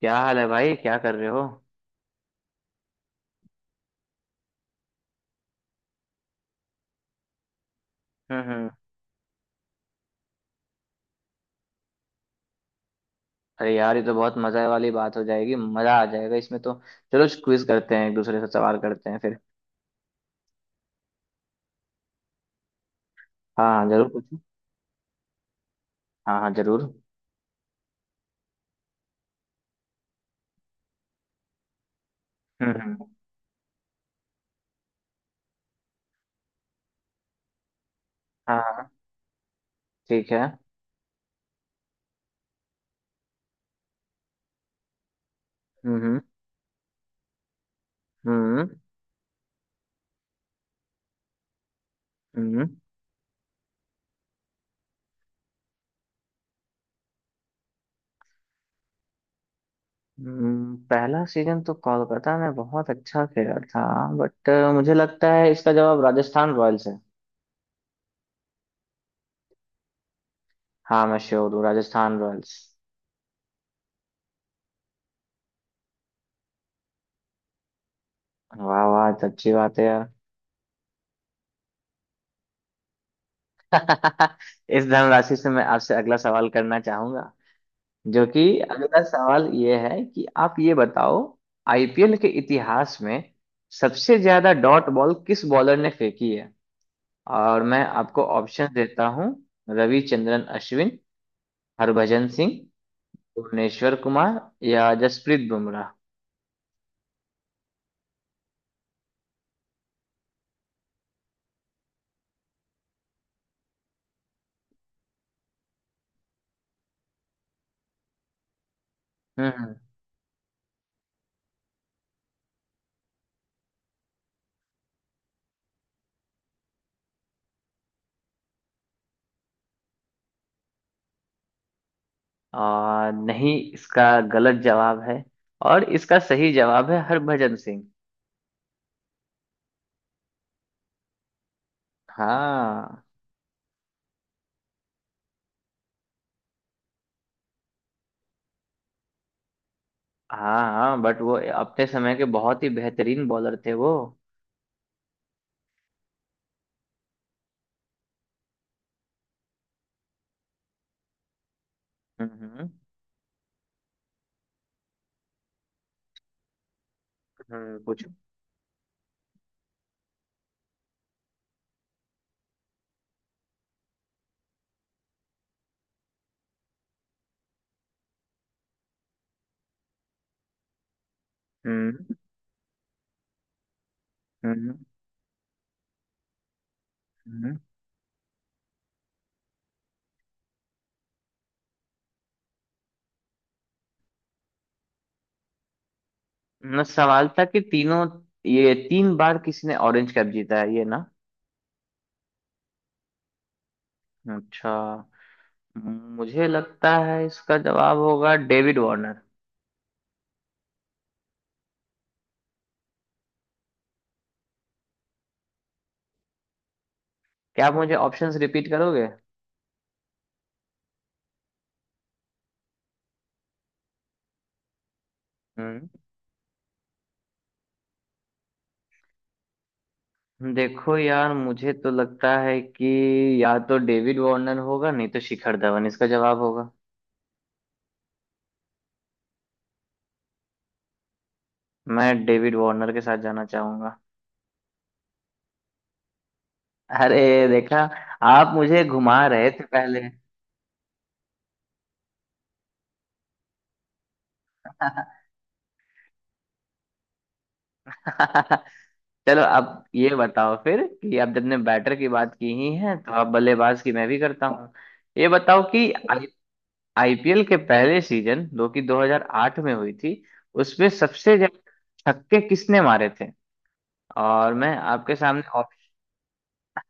क्या हाल है भाई, क्या कर रहे हो? हम्म। अरे यार, ये तो बहुत मजा वाली बात हो जाएगी, मजा आ जाएगा इसमें तो। चलो क्विज करते हैं, एक दूसरे से सवाल करते हैं फिर। हाँ हाँ, जरूर पूछो। हाँ हाँ, जरूर। हम्म। हाँ हाँ, ठीक है। हम्म हम्म। हम्म। पहला सीजन तो कोलकाता ने बहुत अच्छा खेला था, बट मुझे लगता है इसका जवाब राजस्थान रॉयल्स है। हाँ, मैं श्योर हूँ, राजस्थान रॉयल्स। वाह वाह, तो अच्छी बात है यार। इस धनराशि से मैं आपसे अगला सवाल करना चाहूंगा। जो कि अगला सवाल ये है कि आप ये बताओ, आईपीएल के इतिहास में सबसे ज्यादा डॉट बॉल किस बॉलर ने फेंकी है? और मैं आपको ऑप्शन देता हूँ। रविचंद्रन अश्विन, हरभजन सिंह, भुवनेश्वर कुमार या जसप्रीत बुमराह। हम्म। नहीं, इसका गलत जवाब है, और इसका सही जवाब है हरभजन सिंह। हाँ हाँ, हाँ बट वो अपने समय के बहुत ही बेहतरीन बॉलर थे वो। हम्म। पूछो। हम्म हम्म। हम्म। ना, सवाल था कि तीनों, ये तीन बार किसी ने ऑरेंज कैप जीता है ये ना। अच्छा, मुझे लगता है इसका जवाब होगा डेविड वार्नर। क्या आप मुझे ऑप्शंस रिपीट करोगे? हम्म। देखो यार, मुझे तो लगता है कि या तो डेविड वार्नर होगा, नहीं तो शिखर धवन इसका जवाब होगा। मैं डेविड वार्नर के साथ जाना चाहूंगा। अरे देखा, आप मुझे घुमा रहे थे पहले। चलो, अब ये बताओ फिर कि अब जब ने बैटर की बात की ही है तो अब बल्लेबाज की मैं भी करता हूँ। ये बताओ कि आई आईपीएल के पहले सीजन, जो कि 2008 में हुई थी, उसमें सबसे ज्यादा छक्के किसने मारे थे? और मैं आपके सामने ऑप-।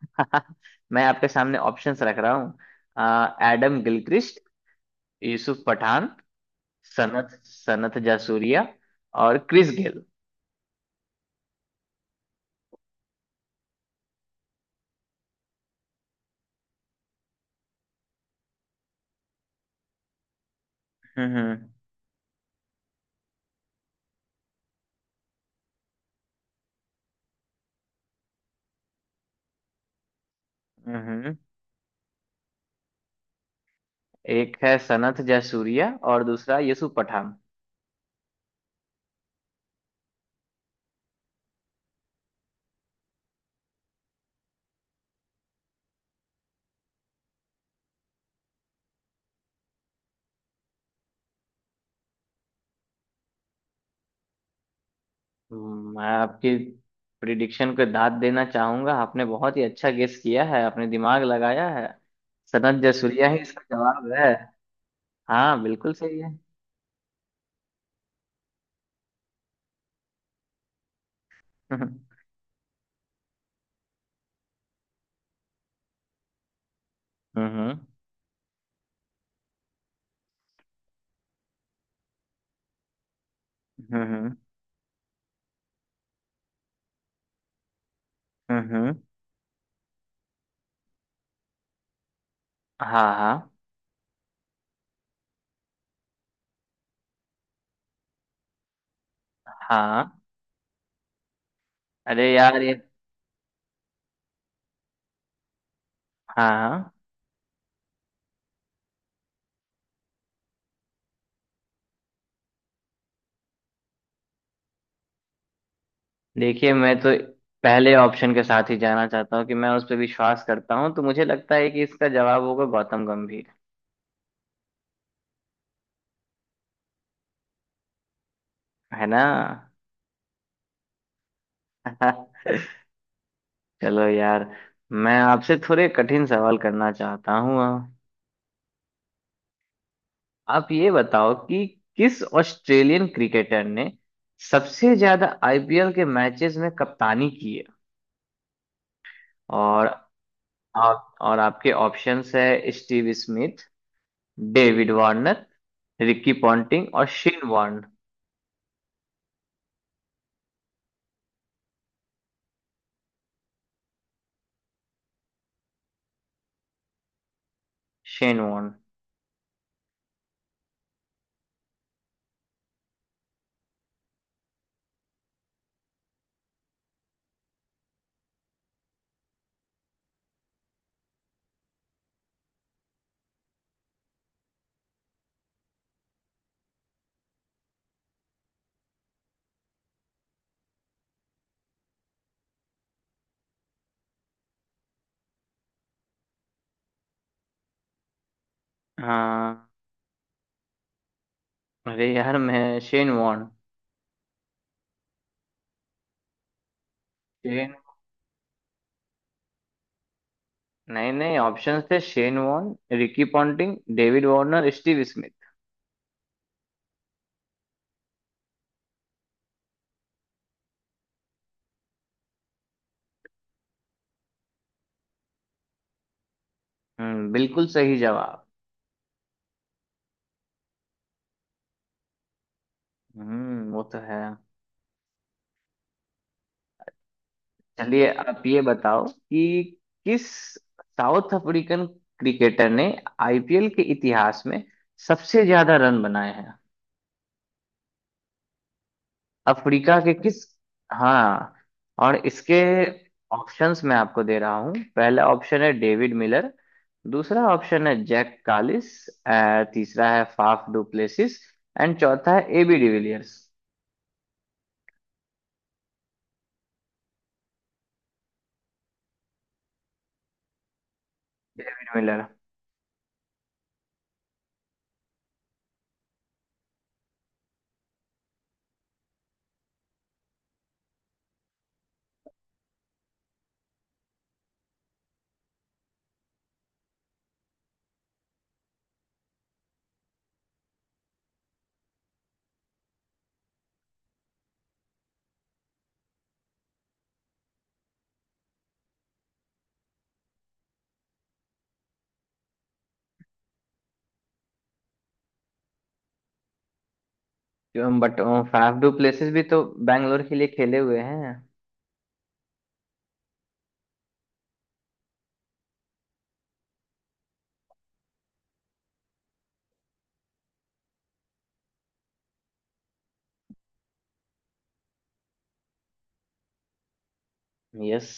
मैं आपके सामने ऑप्शंस रख रहा हूँ। एडम गिलक्रिस्ट, यूसुफ पठान, सनत सनत जयसूर्या और क्रिस गेल। हम्म हम्म। हम्म। एक है सनत जयसूर्या और दूसरा यूसुफ पठान। मैं आपकी प्रिडिक्शन को दाद देना चाहूंगा। आपने बहुत ही अच्छा गेस किया है, आपने दिमाग लगाया है। सनत जयसूर्या ही इसका जवाब है। हाँ, बिल्कुल सही है। हम्म हम्म। हम्म हम्म। हाँ हाँ। हाँ, अरे यार ये। हाँ हाँ। देखिए, मैं तो पहले ऑप्शन के साथ ही जाना चाहता हूँ कि मैं उस पर विश्वास करता हूँ, तो मुझे लगता है कि इसका जवाब होगा गौतम गंभीर। है ना? चलो यार, मैं आपसे थोड़े कठिन सवाल करना चाहता हूँ। आप ये बताओ कि किस ऑस्ट्रेलियन क्रिकेटर ने सबसे ज्यादा आईपीएल के मैचेस में कप्तानी की है? और आप, और आपके ऑप्शंस है Steve Smith, David Warner, Ricky Ponting और शेन वॉर्न। Shane Warne. हाँ, अरे यार मैं शेन वॉर्न। शेन, नहीं नहीं, ऑप्शंस थे Shane Warne, Ricky Ponting, David Warner, Steve Smith. हम्म, बिल्कुल सही जवाब। हम्म, वो तो है। चलिए, आप ये बताओ कि किस साउथ अफ्रीकन क्रिकेटर ने आईपीएल के इतिहास में सबसे ज्यादा रन बनाए हैं? अफ्रीका के किस? हाँ। और इसके ऑप्शंस मैं आपको दे रहा हूँ। पहला ऑप्शन है डेविड मिलर, दूसरा ऑप्शन है जैक कालिस, तीसरा है फाफ डुप्लेसिस एंड चौथा है AB de Villiers. Miller. But Faf du Plessis भी तो बैंगलोर के लिए खेले हुए हैं। यस,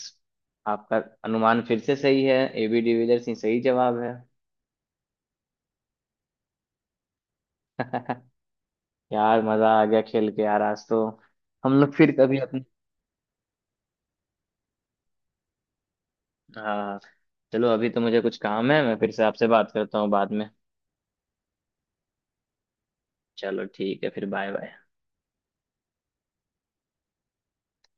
आपका अनुमान फिर से सही है। एबी डिविलियर्स ही सही जवाब है। यार, मजा आ गया खेल के यार आज तो। हम लोग फिर कभी अपने। हाँ, चलो अभी तो मुझे कुछ काम है, मैं फिर से आपसे बात करता हूँ बाद में। चलो ठीक है, फिर बाय बाय।